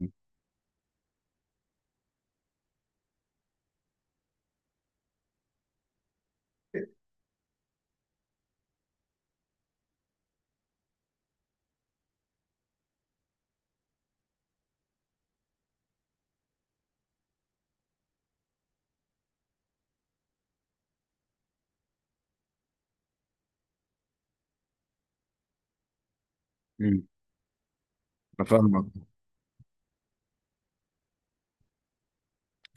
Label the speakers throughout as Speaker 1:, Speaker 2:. Speaker 1: مم. أنا فاهمك.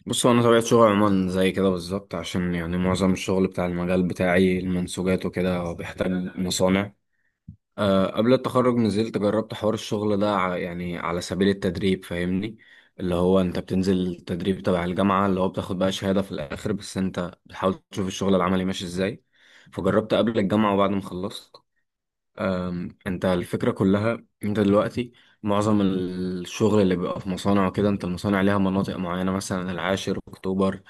Speaker 1: بص، هو انا طبيعه شغلي عموما زي كده بالظبط، عشان يعني معظم الشغل بتاع المجال بتاعي المنسوجات وكده هو بيحتاج مصانع. أه، قبل التخرج نزلت جربت حوار الشغل ده يعني على سبيل التدريب، فاهمني؟ اللي هو انت بتنزل تدريب تبع الجامعه، اللي هو بتاخد بقى شهاده في الاخر، بس انت بتحاول تشوف الشغل العملي ماشي ازاي. فجربت قبل الجامعه وبعد ما خلصت. انت الفكرة كلها، انت دلوقتي معظم الشغل اللي بيبقى في مصانع وكده، انت المصانع ليها مناطق معينة، مثلا العاشر، اكتوبر،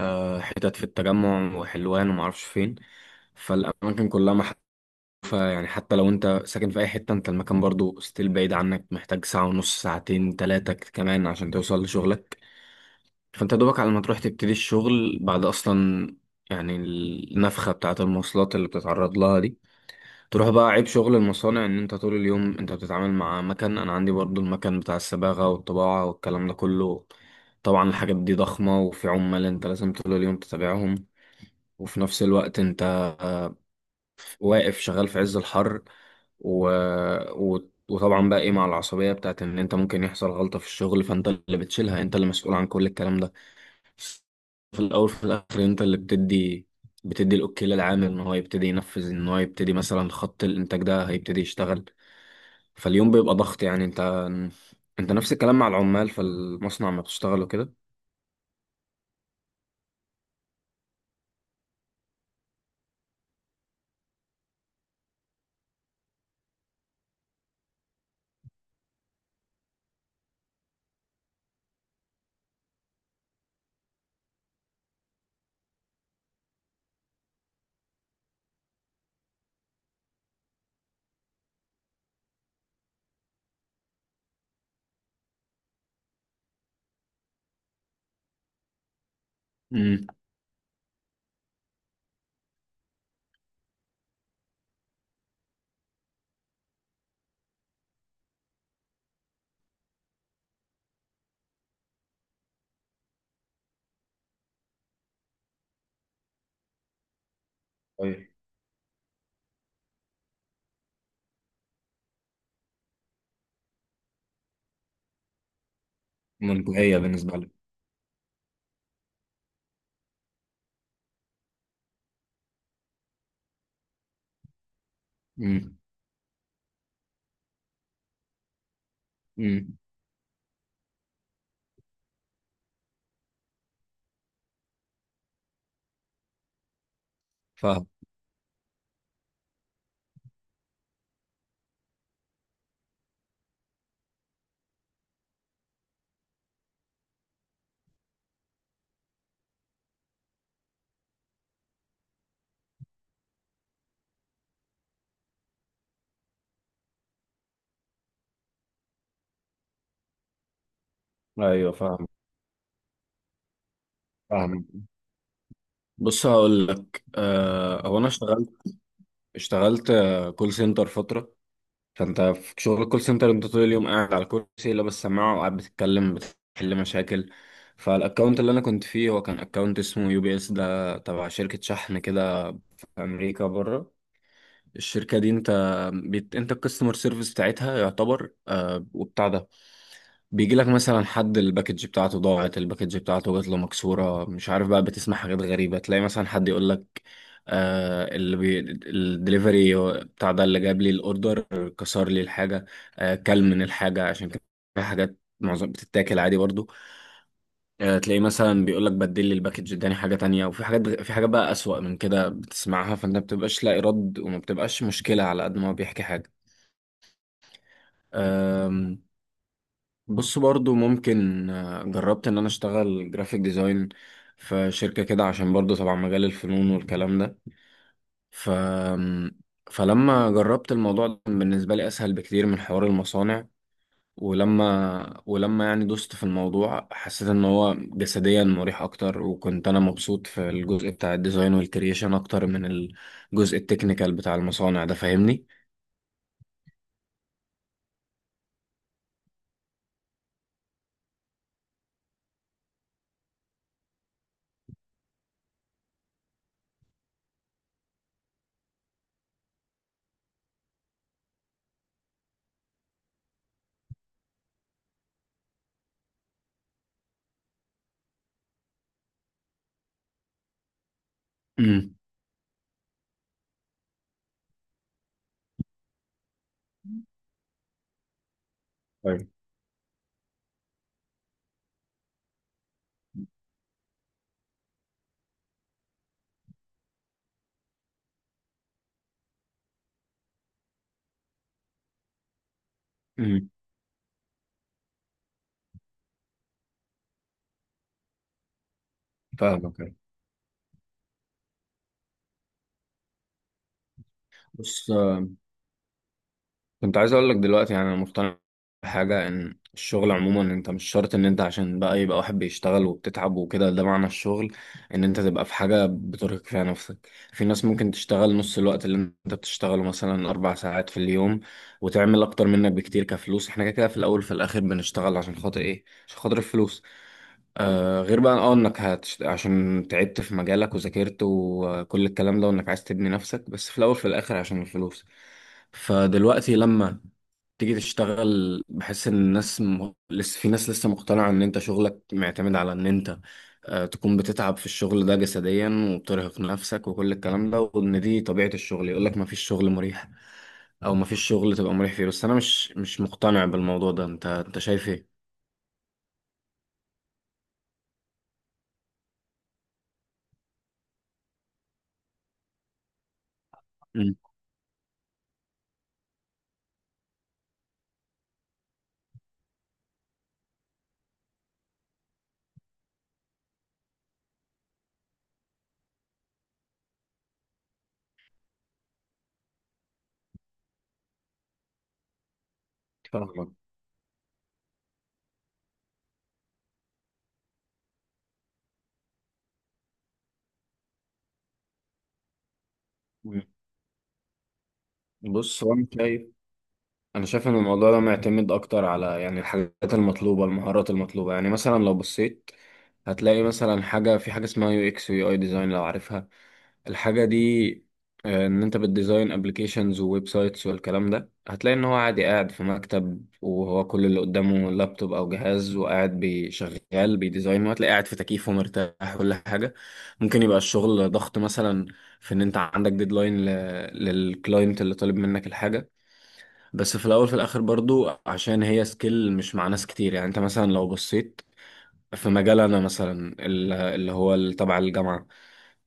Speaker 1: حتت في التجمع وحلوان ومعرفش فين. فالأماكن كلها محذوفة. يعني حتى لو انت ساكن في أي حتة، انت المكان برضو ستيل بعيد عنك، محتاج ساعة ونص، ساعتين، تلاتة كمان عشان توصل لشغلك. فانت دوبك على ما تروح تبتدي الشغل بعد أصلا. يعني النفخة بتاعة المواصلات اللي بتتعرض لها دي. تروح بقى، عيب شغل المصانع ان انت طول اليوم انت بتتعامل مع مكن. انا عندي برضو المكن بتاع الصباغة والطباعة والكلام ده كله. طبعا الحاجات دي ضخمة، وفي عمال انت لازم طول اليوم تتابعهم. وفي نفس الوقت انت واقف شغال في عز الحر و... وطبعا بقى ايه، مع العصبية بتاعت ان انت ممكن يحصل غلطة في الشغل، فانت اللي بتشيلها، انت اللي مسؤول عن كل الكلام ده. في الاول في الاخر انت اللي بتدي الاوكي للعامل ان هو يبتدي ينفذ، ان هو يبتدي مثلا خط الانتاج ده هيبتدي يشتغل. فاليوم بيبقى ضغط، يعني انت نفس الكلام مع العمال في المصنع ما بتشتغل وكده. امم. طيب. منتهية بالنسبة لي. امم. امم. فاهم. ايوه، فاهم. فاهم. بص، هقول لك. هو انا اشتغلت، كول سنتر فترة. فانت في شغل الكول سنتر انت طول اليوم قاعد على الكرسي، لابس سماعة، وقاعد بتتكلم بتحل مشاكل. فالاكونت اللي انا كنت فيه هو كان اكونت اسمه يو بي اس، ده تبع شركة شحن كده في امريكا بره. الشركة دي انت انت الكاستمر سيرفيس بتاعتها يعتبر، وبتاع ده بيجي لك مثلا حد الباكج بتاعته ضاعت، الباكج بتاعته جات له مكسورة، مش عارف بقى. بتسمع حاجات غريبة. تلاقي مثلا حد يقول لك، آه اللي بي... الدليفري بتاع ده اللي جاب لي الاوردر كسر لي الحاجة، آه كل من الحاجة، عشان كان في حاجات معظم بتتاكل عادي برضو. تلاقيه مثلا بيقول لك بدل لي الباكج، اداني حاجه تانية. وفي حاجات، في حاجات بقى اسوأ من كده بتسمعها، فانت ما بتبقاش لاقي رد، وما بتبقاش مشكله على قد ما هو بيحكي حاجه. آم، بص برضو ممكن، جربت ان انا اشتغل جرافيك ديزاين في شركه كده، عشان برضو طبعا مجال الفنون والكلام ده. ف فلما جربت الموضوع ده كان بالنسبه لي اسهل بكتير من حوار المصانع. ولما يعني دوست في الموضوع، حسيت ان هو جسديا مريح اكتر، وكنت انا مبسوط في الجزء بتاع الديزاين والكرييشن اكتر من الجزء التكنيكال بتاع المصانع ده، فاهمني؟ امم. طيب. امم. فاهمك. بص، كنت عايز اقول لك دلوقتي، يعني انا مقتنع بحاجه، ان الشغل عموما انت مش شرط ان انت عشان بقى يبقى واحد بيشتغل وبتتعب وكده، ده معنى الشغل، ان انت تبقى في حاجه بترهق فيها نفسك. في ناس ممكن تشتغل نص الوقت اللي انت بتشتغله، مثلا اربع ساعات في اليوم، وتعمل اكتر منك بكتير كفلوس. احنا كده كده في الاول في الاخر بنشتغل عشان خاطر ايه؟ عشان خاطر الفلوس. آه، غير بقى انك عشان تعبت في مجالك وذاكرت وكل الكلام ده، وانك عايز تبني نفسك، بس في الاول في الاخر عشان الفلوس. فدلوقتي لما تيجي تشتغل، بحس ان الناس لسه في ناس لسه مقتنعة ان انت شغلك معتمد على ان انت تكون بتتعب في الشغل ده جسديا، وبترهق نفسك وكل الكلام ده، وان دي طبيعة الشغل. يقول لك ما فيش شغل مريح، او ما فيش شغل تبقى مريح فيه، بس انا مش مقتنع بالموضوع ده. انت انت شايف ايه؟ مم. فاهمك. مم. بص، هو انا شايف، ان الموضوع ده معتمد اكتر على، يعني الحاجات المطلوبة، المهارات المطلوبة. يعني مثلا لو بصيت هتلاقي مثلا حاجة، في حاجة اسمها يو اكس ويو اي ديزاين، لو عارفها الحاجة دي، ان انت بتديزاين ابلكيشنز وويب سايتس والكلام ده. هتلاقي ان هو عادي قاعد في مكتب، وهو كل اللي قدامه لابتوب او جهاز، وقاعد بيشغل بيديزاين، وهتلاقي قاعد في تكييف ومرتاح كل حاجة. ممكن يبقى الشغل ضغط مثلا في ان انت عندك ديدلاين للكلاينت اللي طالب منك الحاجة. بس في الاول في الاخر برضو عشان هي سكيل مش مع ناس كتير. يعني انت مثلا لو بصيت في مجال، انا مثلا تبع الجامعة.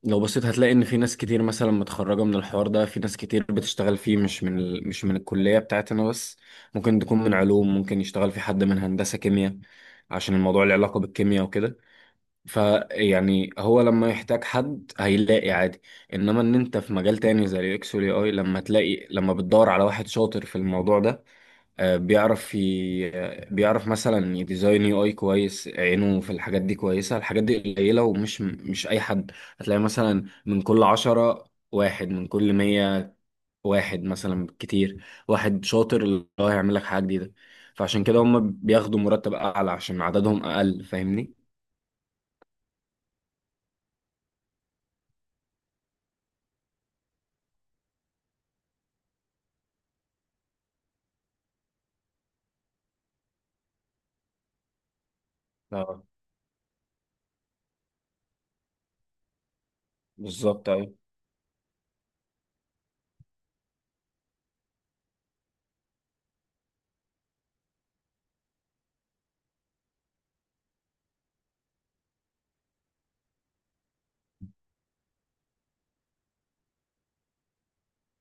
Speaker 1: لو بصيت هتلاقي ان في ناس كتير مثلا متخرجه من الحوار ده، في ناس كتير بتشتغل فيه، مش من مش من الكليه بتاعتنا بس. ممكن تكون من علوم، ممكن يشتغل في حد من هندسه كيمياء عشان الموضوع له علاقه بالكيمياء وكده. فيعني هو لما يحتاج حد هيلاقي عادي. انما ان انت في مجال تاني زي الاكس والاي اي، لما تلاقي، لما بتدور على واحد شاطر في الموضوع ده، بيعرف ي... آه، بيعرف مثلا يديزاين يو اي كويس، عينه في الحاجات دي كويسة. الحاجات دي قليلة، ومش مش أي حد. هتلاقي مثلا من كل عشرة واحد، من كل مية واحد مثلا، كتير واحد شاطر اللي هو هيعمل لك حاجة جديدة. فعشان كده هم بياخدوا مرتب أعلى عشان عددهم أقل، فاهمني؟ اه، بالظبط أيوة.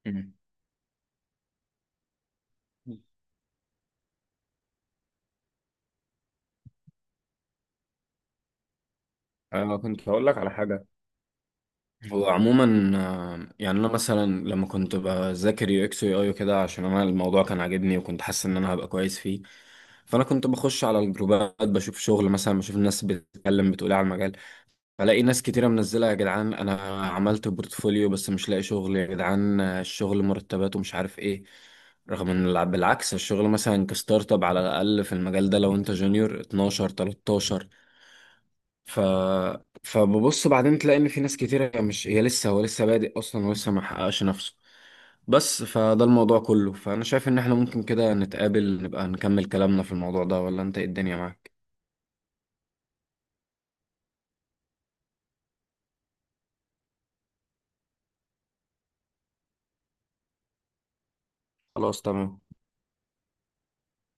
Speaker 1: مم. أنا كنت هقول لك على حاجة. هو عموما، يعني انا مثلا لما كنت بذاكر يو اكس ويو اي وكده، عشان انا الموضوع كان عاجبني وكنت حاسس ان انا هبقى كويس فيه، فانا كنت بخش على الجروبات بشوف شغل، مثلا بشوف الناس بتتكلم بتقول إيه على المجال. بلاقي ناس كتيره منزله يا جدعان، انا عملت بورتفوليو بس مش لاقي شغل، يا جدعان الشغل مرتبات ومش عارف ايه. رغم ان بالعكس الشغل مثلا كستارت اب، على الاقل في المجال ده لو انت جونيور 12 13. ف فببص بعدين تلاقي ان في ناس كتير، هي مش هي لسه هو لسه بادئ اصلا ولسه ما حققش نفسه بس. فده الموضوع كله. فانا شايف ان احنا ممكن كده نتقابل، نبقى نكمل كلامنا في الموضوع ده، ولا انت إيه الدنيا معاك؟ خلاص. تمام.